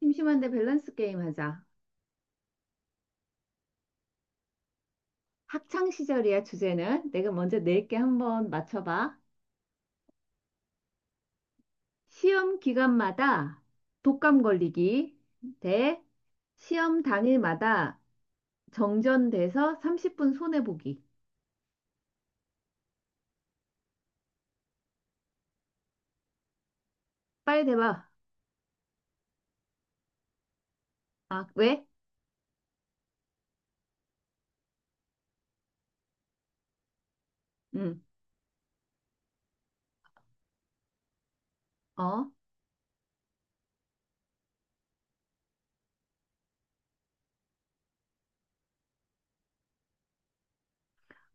심심한데 밸런스 게임 하자. 학창 시절이야, 주제는. 내가 먼저 낼게 한번 맞춰봐. 시험 기간마다 독감 걸리기 대 시험 당일마다 정전돼서 30분 손해보기. 빨리 대봐. 아, 왜? 응. 어?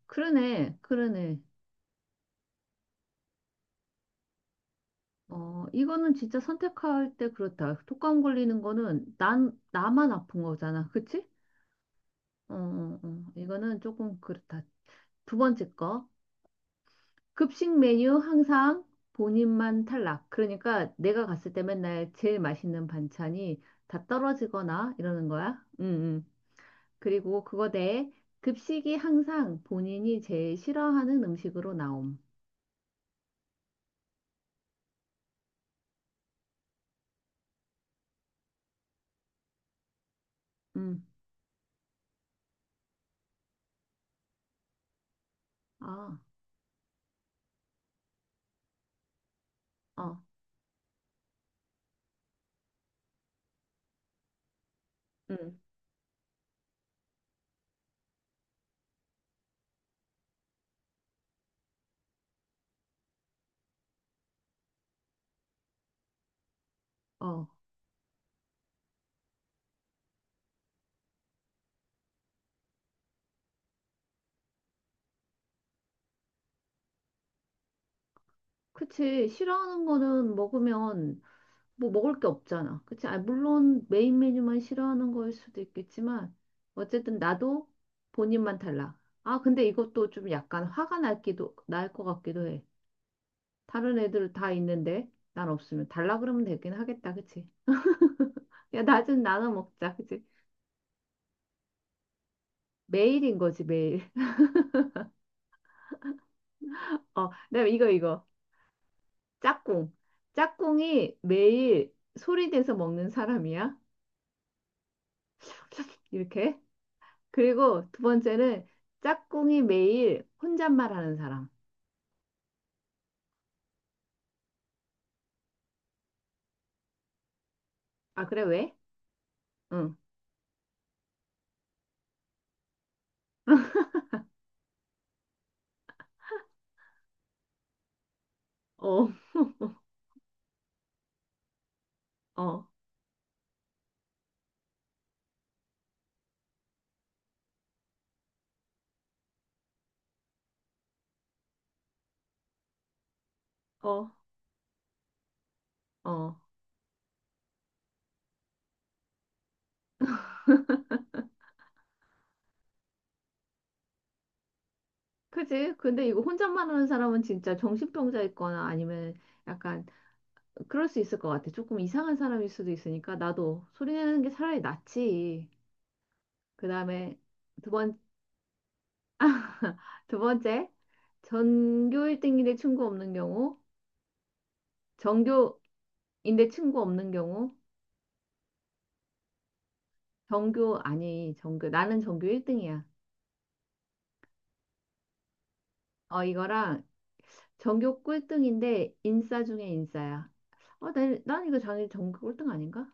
그러네. 그러네. 어, 이거는 진짜 선택할 때 그렇다. 독감 걸리는 거는 난, 나만 아픈 거잖아. 그치? 어, 어, 어. 이거는 조금 그렇다. 두 번째 거. 급식 메뉴 항상 본인만 탈락. 그러니까 내가 갔을 때 맨날 제일 맛있는 반찬이 다 떨어지거나 이러는 거야. 응, 응. 그리고 그거 대 급식이 항상 본인이 제일 싫어하는 음식으로 나옴. 응. 아, 어, 응. 어. 그치. 싫어하는 거는 먹으면 뭐 먹을 게 없잖아. 그치? 아, 물론 메인 메뉴만 싫어하는 거일 수도 있겠지만, 어쨌든 나도 본인만 달라. 아, 근데 이것도 좀 약간 화가 날기도, 날 것 같기도 해. 다른 애들 다 있는데, 난 없으면 달라 그러면 되긴 하겠다. 그치? 야, 나 좀 나눠 먹자. 그치? 매일인 거지, 매일. 어, 그다음에 이거. 짝꿍. 짝꿍이 매일 소리 내서 먹는 사람이야. 이렇게. 그리고 두 번째는 짝꿍이 매일 혼잣말 하는 사람. 아, 그래, 왜? 응. 어, 어, 어, 어. 그지? 근데 이거 혼잣말 하는 사람은 진짜 정신병자 있거나 아니면 약간 그럴 수 있을 것 같아. 조금 이상한 사람일 수도 있으니까 나도 소리 내는 게 차라리 낫지. 그 다음에 두 번, 두 번째. 전교 1등인데 친구 없는 경우, 전교인데 친구 없는 경우, 전교, 아니, 전교, 나는 전교 1등이야. 어, 이거랑 전교 꿀등인데 인싸 중에 인싸야. 어, 난, 난 이거 자네 전교 꿀등 아닌가?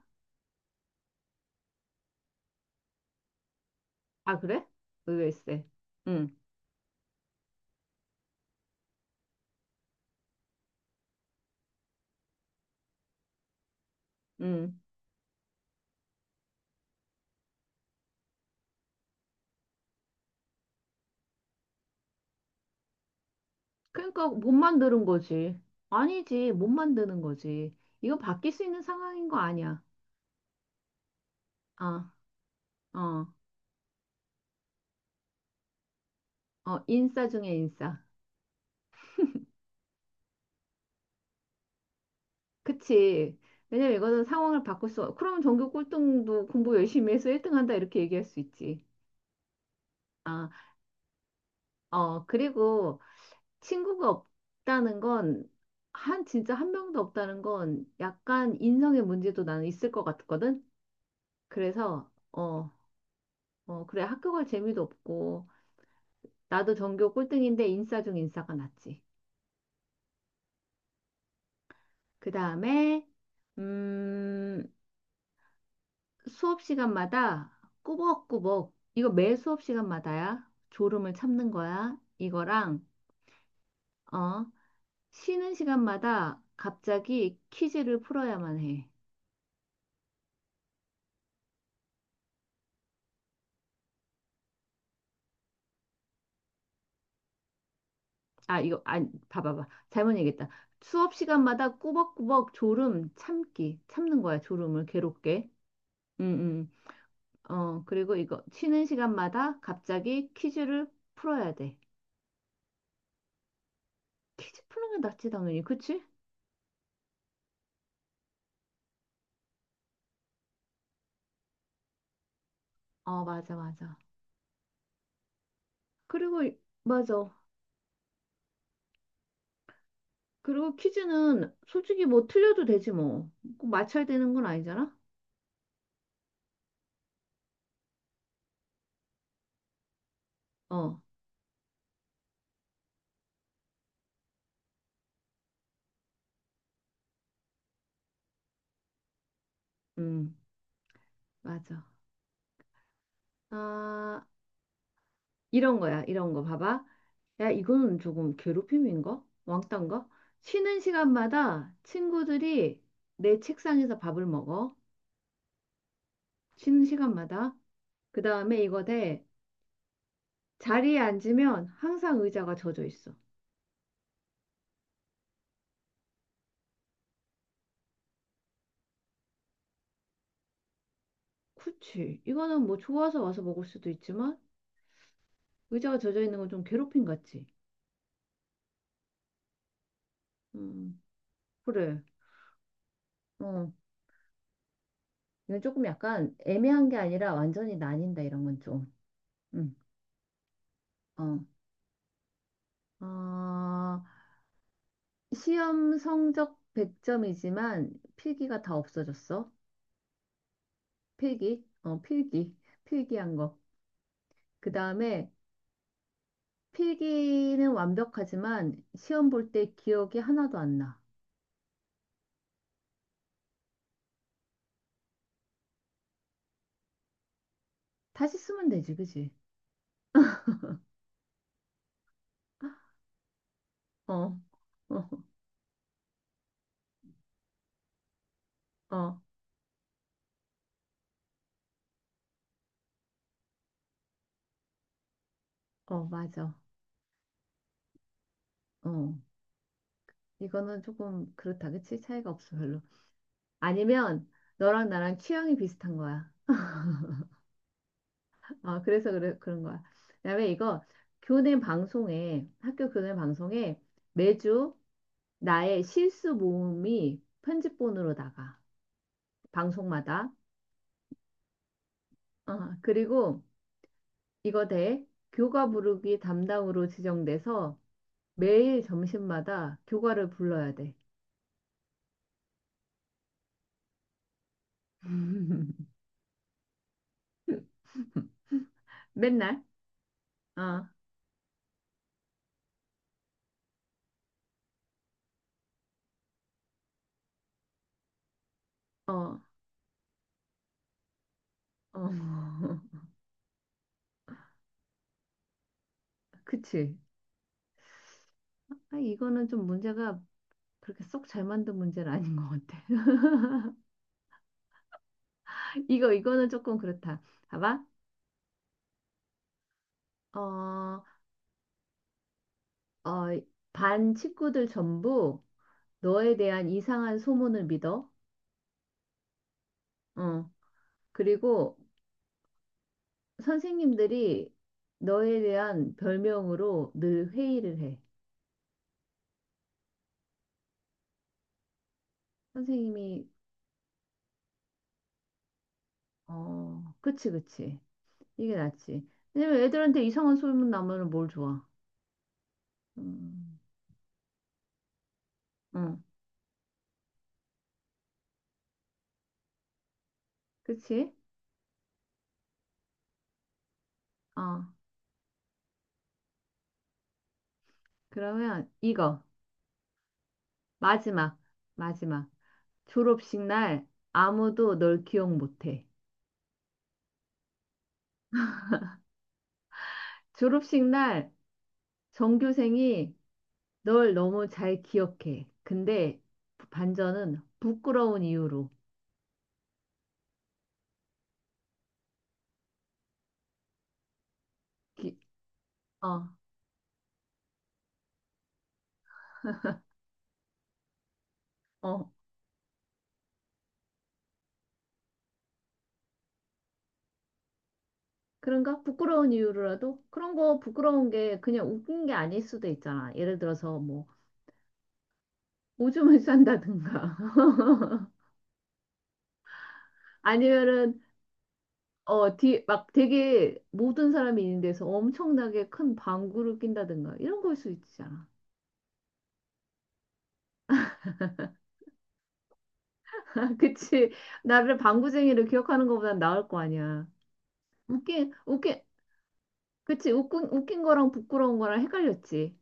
아, 그래? 의외일세. 응, 응. 그러니까 못 만드는 거지. 아니지, 못 만드는 거지. 이거 바뀔 수 있는 상황인 거 아니야. 아, 어, 어, 인싸 중에 인싸. 그치. 왜냐면 이거는 상황을 바꿀 수, 그러면 전교 꿀등도 공부 열심히 해서 1등 한다 이렇게 얘기할 수 있지. 아, 어, 그리고 친구가 없다는 건, 한, 진짜 한 명도 없다는 건 약간 인성의 문제도 나는 있을 것 같거든? 그래서, 어, 어, 그래, 학교 갈 재미도 없고, 나도 전교 꼴등인데 인싸 중 인싸가 낫지. 그 다음에, 음, 수업 시간마다 꾸벅꾸벅, 이거 매 수업 시간마다야. 졸음을 참는 거야. 이거랑, 어, 쉬는 시간마다 갑자기 퀴즈를 풀어야만 해. 아, 이거, 아, 봐봐봐. 잘못 얘기했다. 수업 시간마다 꾸벅꾸벅 졸음 참기. 참는 거야, 졸음을 괴롭게. 음, 어, 그리고 이거 쉬는 시간마다 갑자기 퀴즈를 풀어야 돼. 퀴즈 푸는 게 낫지, 당연히. 그치? 어, 맞아, 맞아. 그리고, 이- 맞아. 그리고 퀴즈는 솔직히 뭐 틀려도 되지 뭐. 꼭 맞춰야 되는 건 아니잖아? 어, 음, 맞아. 아, 이런 거야, 이런 거 봐봐. 야, 이거는 조금 괴롭힘인가? 왕따인가? 쉬는 시간마다 친구들이 내 책상에서 밥을 먹어. 쉬는 시간마다. 그 다음에 이거 돼. 자리에 앉으면 항상 의자가 젖어 있어. 그치. 이거는 뭐 좋아서 와서 먹을 수도 있지만 의자가 젖어 있는 건 좀 괴롭힘 같지. 음, 그래. 어. 이건 조금 약간 애매한 게 아니라 완전히 나뉜다, 이런 건 좀. 음, 어. 아 시험 성적 100점이지만 필기가 다 없어졌어. 필기? 어, 필기. 필기한 거. 그 다음에 필기는 완벽하지만 시험 볼 때 기억이 하나도 안 나. 다시 쓰면 되지, 그지? 어, 어, 어, 어, 맞아. 어, 이거는 조금 그렇다, 그치? 차이가 없어, 별로. 아니면 너랑 나랑 취향이 비슷한 거야. 아, 그래서 그래, 그런 거야. 그다음에 이거 학교 교내 방송에 매주 나의 실수 모음이 편집본으로 나가. 방송마다. 어, 그리고 이거 대 교가 부르기 담당으로 지정돼서 매일 점심마다 교가를 불러야 돼. 맨날. 어, 어, 어. 그치. 아, 이거는 좀 문제가 그렇게 쏙 잘 만든 문제는 아닌 것 같아. 이거는 조금 그렇다. 봐봐. 어, 어, 반 친구들 전부 너에 대한 이상한 소문을 믿어. 어, 그리고 선생님들이 너에 대한 별명으로 늘 회의를 해. 선생님이, 어, 그치, 그치. 이게 낫지. 왜냐면 애들한테 이상한 소문 나면 뭘 좋아. 음, 응, 그치? 어, 그러면 이거. 마지막, 마지막. 졸업식 날 아무도 널 기억 못 해. 졸업식 날 전교생이 널 너무 잘 기억해. 근데 반전은 부끄러운 이유로. 기- 어, 어. 그런가? 부끄러운 이유로라도? 그런 거 부끄러운 게 그냥 웃긴 게 아닐 수도 있잖아. 예를 들어서 뭐 오줌을 싼다든가 아니면은 어, 뒤, 막 되게 모든 사람이 있는 데서 엄청나게 큰 방구를 낀다든가 이런 걸 수 있잖아. 그치? 나를 방구쟁이를 기억하는 것보단 나을 거 아니야. 웃긴, 웃긴, 그치? 웃긴 거랑 부끄러운 거랑 헷갈렸지.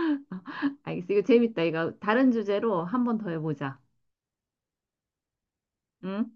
알겠어. 이거 재밌다. 이거 다른 주제로 한 번 더 해보자. 응?